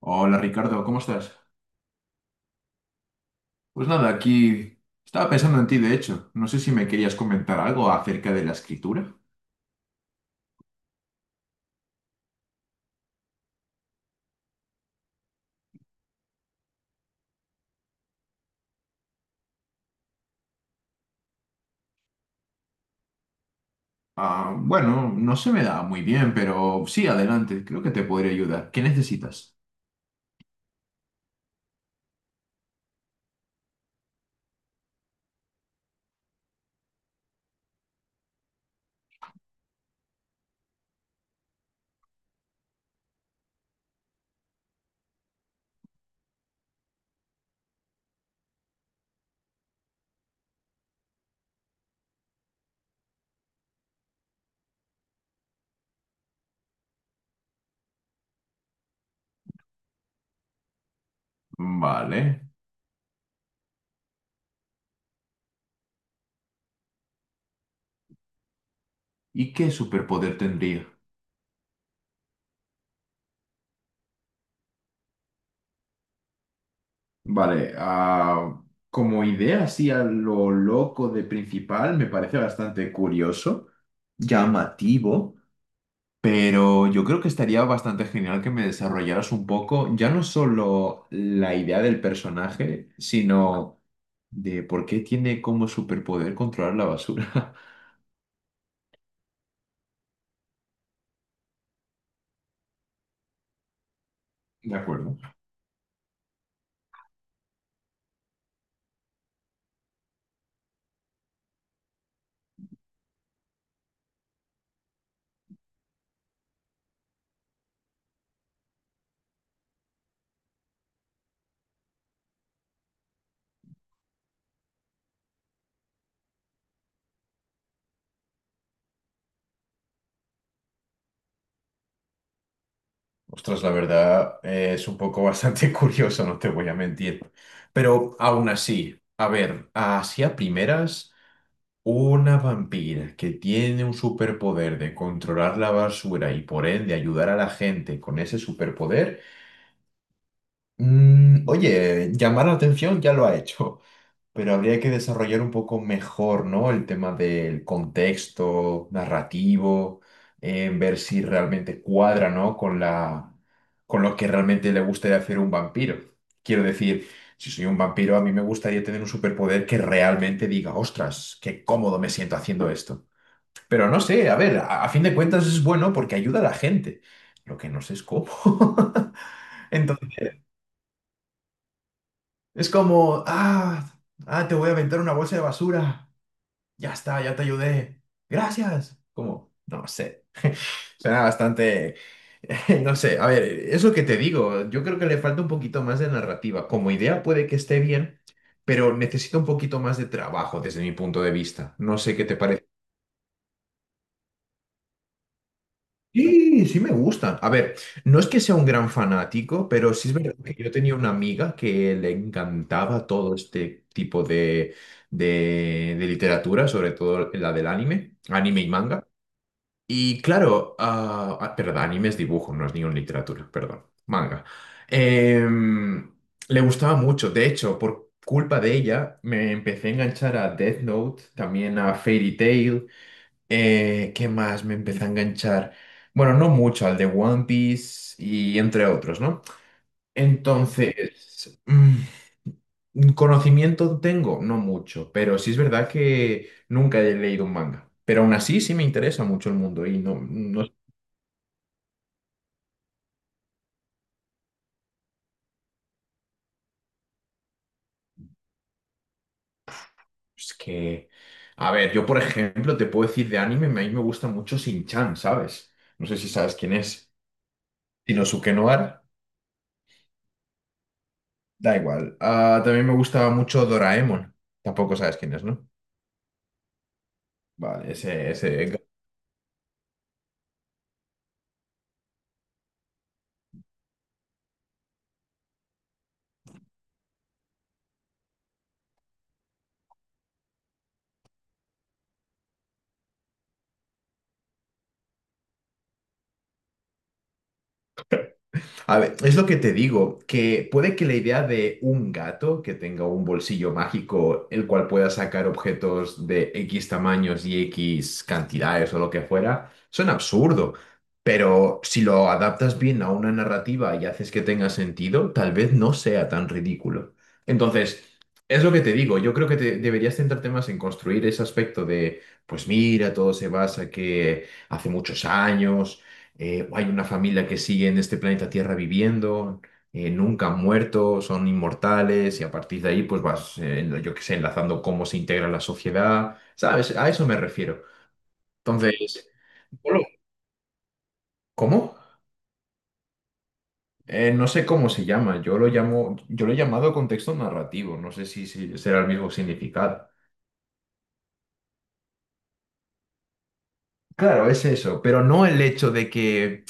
Hola Ricardo, ¿cómo estás? Pues nada, aquí estaba pensando en ti, de hecho. No sé si me querías comentar algo acerca de la escritura. Ah, bueno, no se me da muy bien, pero sí, adelante, creo que te podría ayudar. ¿Qué necesitas? Vale. ¿Y qué superpoder tendría? Vale, como idea así a lo loco de principal, me parece bastante curioso, llamativo. Pero yo creo que estaría bastante genial que me desarrollaras un poco, ya no solo la idea del personaje, sino de por qué tiene como superpoder controlar la basura. De acuerdo. Ostras, la verdad es un poco bastante curioso, no te voy a mentir. Pero aún así, a ver, así a primeras, una vampira que tiene un superpoder de controlar la basura y por ende ayudar a la gente con ese superpoder. Mm, oye, llamar la atención ya lo ha hecho, pero habría que desarrollar un poco mejor, ¿no? El tema del contexto narrativo, en ver si realmente cuadra, ¿no? Con la, con lo que realmente le gustaría hacer un vampiro. Quiero decir, si soy un vampiro, a mí me gustaría tener un superpoder que realmente diga, ostras, qué cómodo me siento haciendo esto. Pero no sé, a ver, a fin de cuentas es bueno porque ayuda a la gente. Lo que no sé es cómo. Es como, te voy a aventar una bolsa de basura. Ya está, ya te ayudé. Gracias. Como, no sé. Suena bastante, no sé. A ver, es lo que te digo. Yo creo que le falta un poquito más de narrativa. Como idea puede que esté bien, pero necesita un poquito más de trabajo desde mi punto de vista. No sé qué te parece. Sí, sí me gustan. A ver, no es que sea un gran fanático, pero sí es verdad que yo tenía una amiga que le encantaba todo este tipo de, de literatura, sobre todo la del anime, anime y manga. Y claro, perdón, anime es dibujo, no es ni una literatura, perdón, manga. Em, le gustaba mucho, de hecho, por culpa de ella me empecé a enganchar a Death Note, también a Fairy Tail. ¿Qué más me empecé a enganchar? Bueno, no mucho, al de One Piece y entre otros, ¿no? Entonces, mm, conocimiento tengo, no mucho, pero sí es verdad que nunca he leído un manga. Pero aún así sí me interesa mucho el mundo y no, no es que... A ver, yo por ejemplo te puedo decir de anime, a mí me gusta mucho Shin-chan, ¿sabes? No sé si sabes quién es. Shinosuke Noara, da igual. Ah, también me gustaba mucho Doraemon, tampoco sabes quién es, ¿no? Vale, ese. A ver, es lo que te digo, que puede que la idea de un gato que tenga un bolsillo mágico, el cual pueda sacar objetos de X tamaños y X cantidades o lo que fuera, suena absurdo. Pero si lo adaptas bien a una narrativa y haces que tenga sentido, tal vez no sea tan ridículo. Entonces, es lo que te digo, yo creo que deberías centrarte más en construir ese aspecto de, pues mira, todo se basa que hace muchos años. Hay una familia que sigue en este planeta Tierra viviendo, nunca han muerto, son inmortales y a partir de ahí pues vas, yo qué sé, enlazando cómo se integra la sociedad, ¿sabes? A eso me refiero. Entonces, yo lo- ¿cómo? No sé cómo se llama, yo lo llamo, yo lo he llamado contexto narrativo, no sé si, si será el mismo significado. Claro, es eso, pero no el hecho de que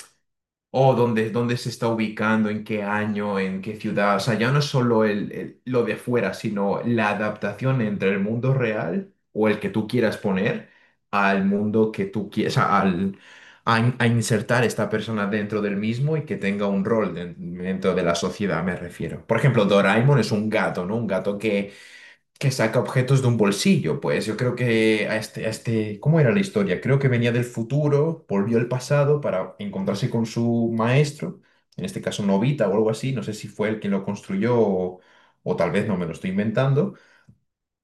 o dónde, dónde se está ubicando, en qué año, en qué ciudad. O sea, ya no es solo el, lo de fuera, sino la adaptación entre el mundo real o el que tú quieras poner al mundo que tú quieras, al, a insertar esta persona dentro del mismo y que tenga un rol dentro de la sociedad, me refiero. Por ejemplo, Doraemon es un gato, ¿no? Un gato que saca objetos de un bolsillo. Pues yo creo que a este, ¿cómo era la historia? Creo que venía del futuro, volvió al pasado para encontrarse con su maestro, en este caso Novita o algo así, no sé si fue él quien lo construyó o tal vez no me lo estoy inventando.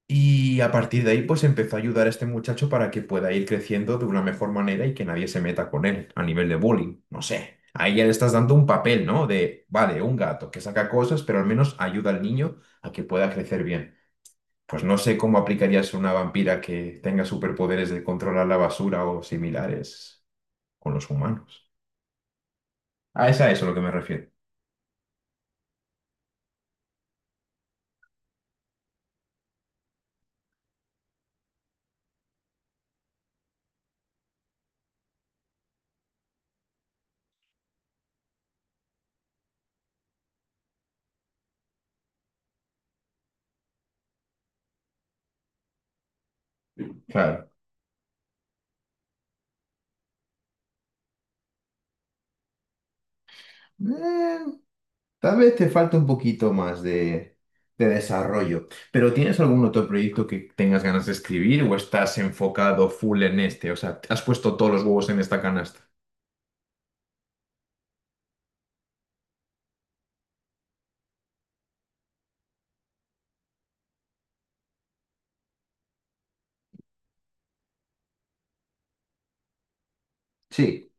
Y a partir de ahí pues empezó a ayudar a este muchacho para que pueda ir creciendo de una mejor manera y que nadie se meta con él a nivel de bullying, no sé. Ahí ya le estás dando un papel, ¿no? De, vale, un gato que saca cosas, pero al menos ayuda al niño a que pueda crecer bien. Pues no sé cómo aplicarías a una vampira que tenga superpoderes de controlar la basura o similares con los humanos. Ah, es a eso a lo que me refiero. Claro. Eh, tal vez te falta un poquito más de desarrollo, pero ¿tienes algún otro proyecto que tengas ganas de escribir o estás enfocado full en este? O sea, ¿has puesto todos los huevos en esta canasta? Sí,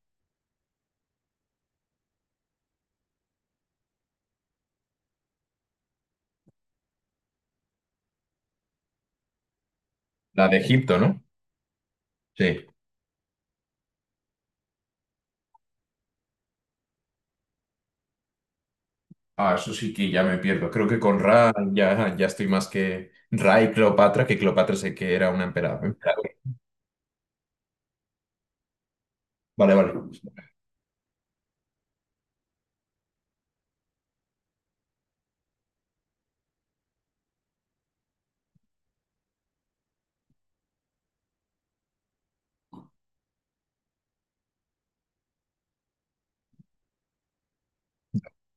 la de Egipto, ¿no? Sí. Ah, eso sí que ya me pierdo. Creo que con Ra ya, ya estoy más que Ra y Cleopatra, que Cleopatra sé que era una emperadora. Vale, vale.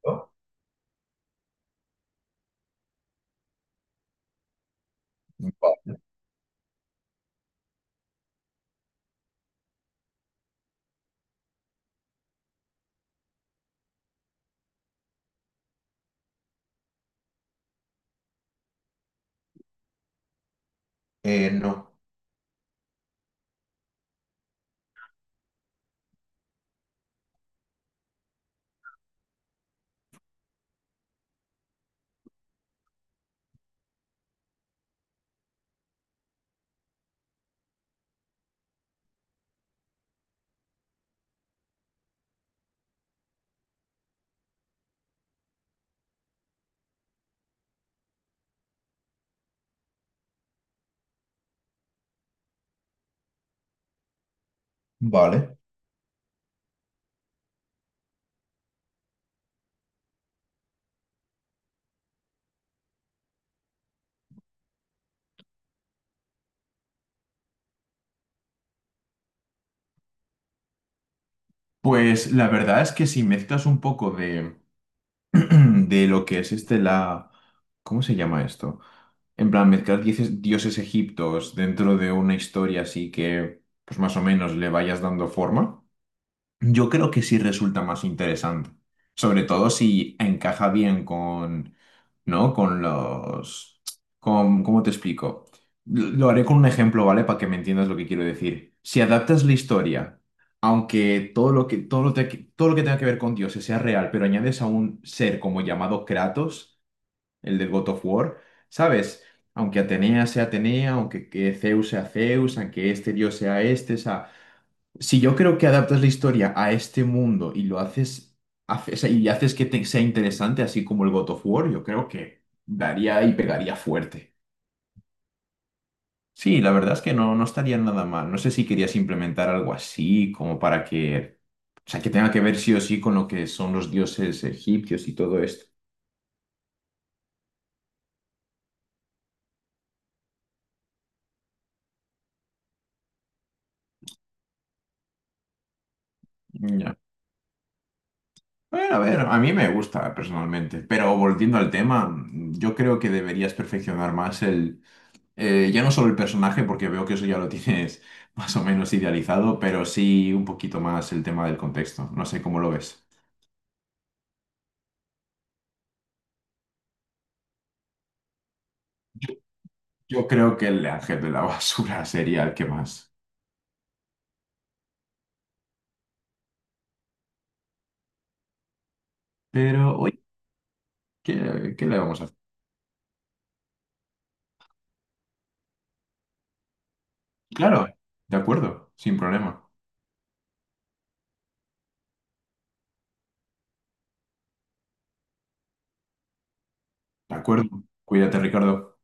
¿No? Vale. No. Vale. Pues la verdad es que si mezclas un poco de, de lo que es este la... ¿Cómo se llama esto? En plan, mezclar dioses egiptos dentro de una historia así que, pues más o menos, le vayas dando forma. Yo creo que sí resulta más interesante, sobre todo si encaja bien con, ¿no? Con los, con, ¿cómo te explico? Lo haré con un ejemplo, ¿vale? Para que me entiendas lo que quiero decir. Si adaptas la historia, aunque todo lo que, todo lo que tenga que ver con dioses sea real, pero añades a un ser como llamado Kratos, el del God of War, ¿sabes? Aunque Atenea sea Atenea, aunque que Zeus sea Zeus, aunque este dios sea este, o sea, si yo creo que adaptas la historia a este mundo y lo haces, o sea, y haces que sea interesante, así como el God of War, yo creo que daría y pegaría fuerte. Sí, la verdad es que no, no estaría nada mal. No sé si querías implementar algo así, como para que, o sea, que tenga que ver sí o sí con lo que son los dioses egipcios y todo esto. Mm, ya. Bueno, a ver, a mí me gusta personalmente, pero volviendo al tema, yo creo que deberías perfeccionar más. Ya no solo el personaje, porque veo que eso ya lo tienes más o menos idealizado, pero sí un poquito más el tema del contexto. No sé cómo lo ves. Yo creo que el ángel de la basura sería el que más. Pero, oye, qué le vamos a hacer? Claro, de acuerdo, sin problema. De acuerdo. Cuídate, Ricardo.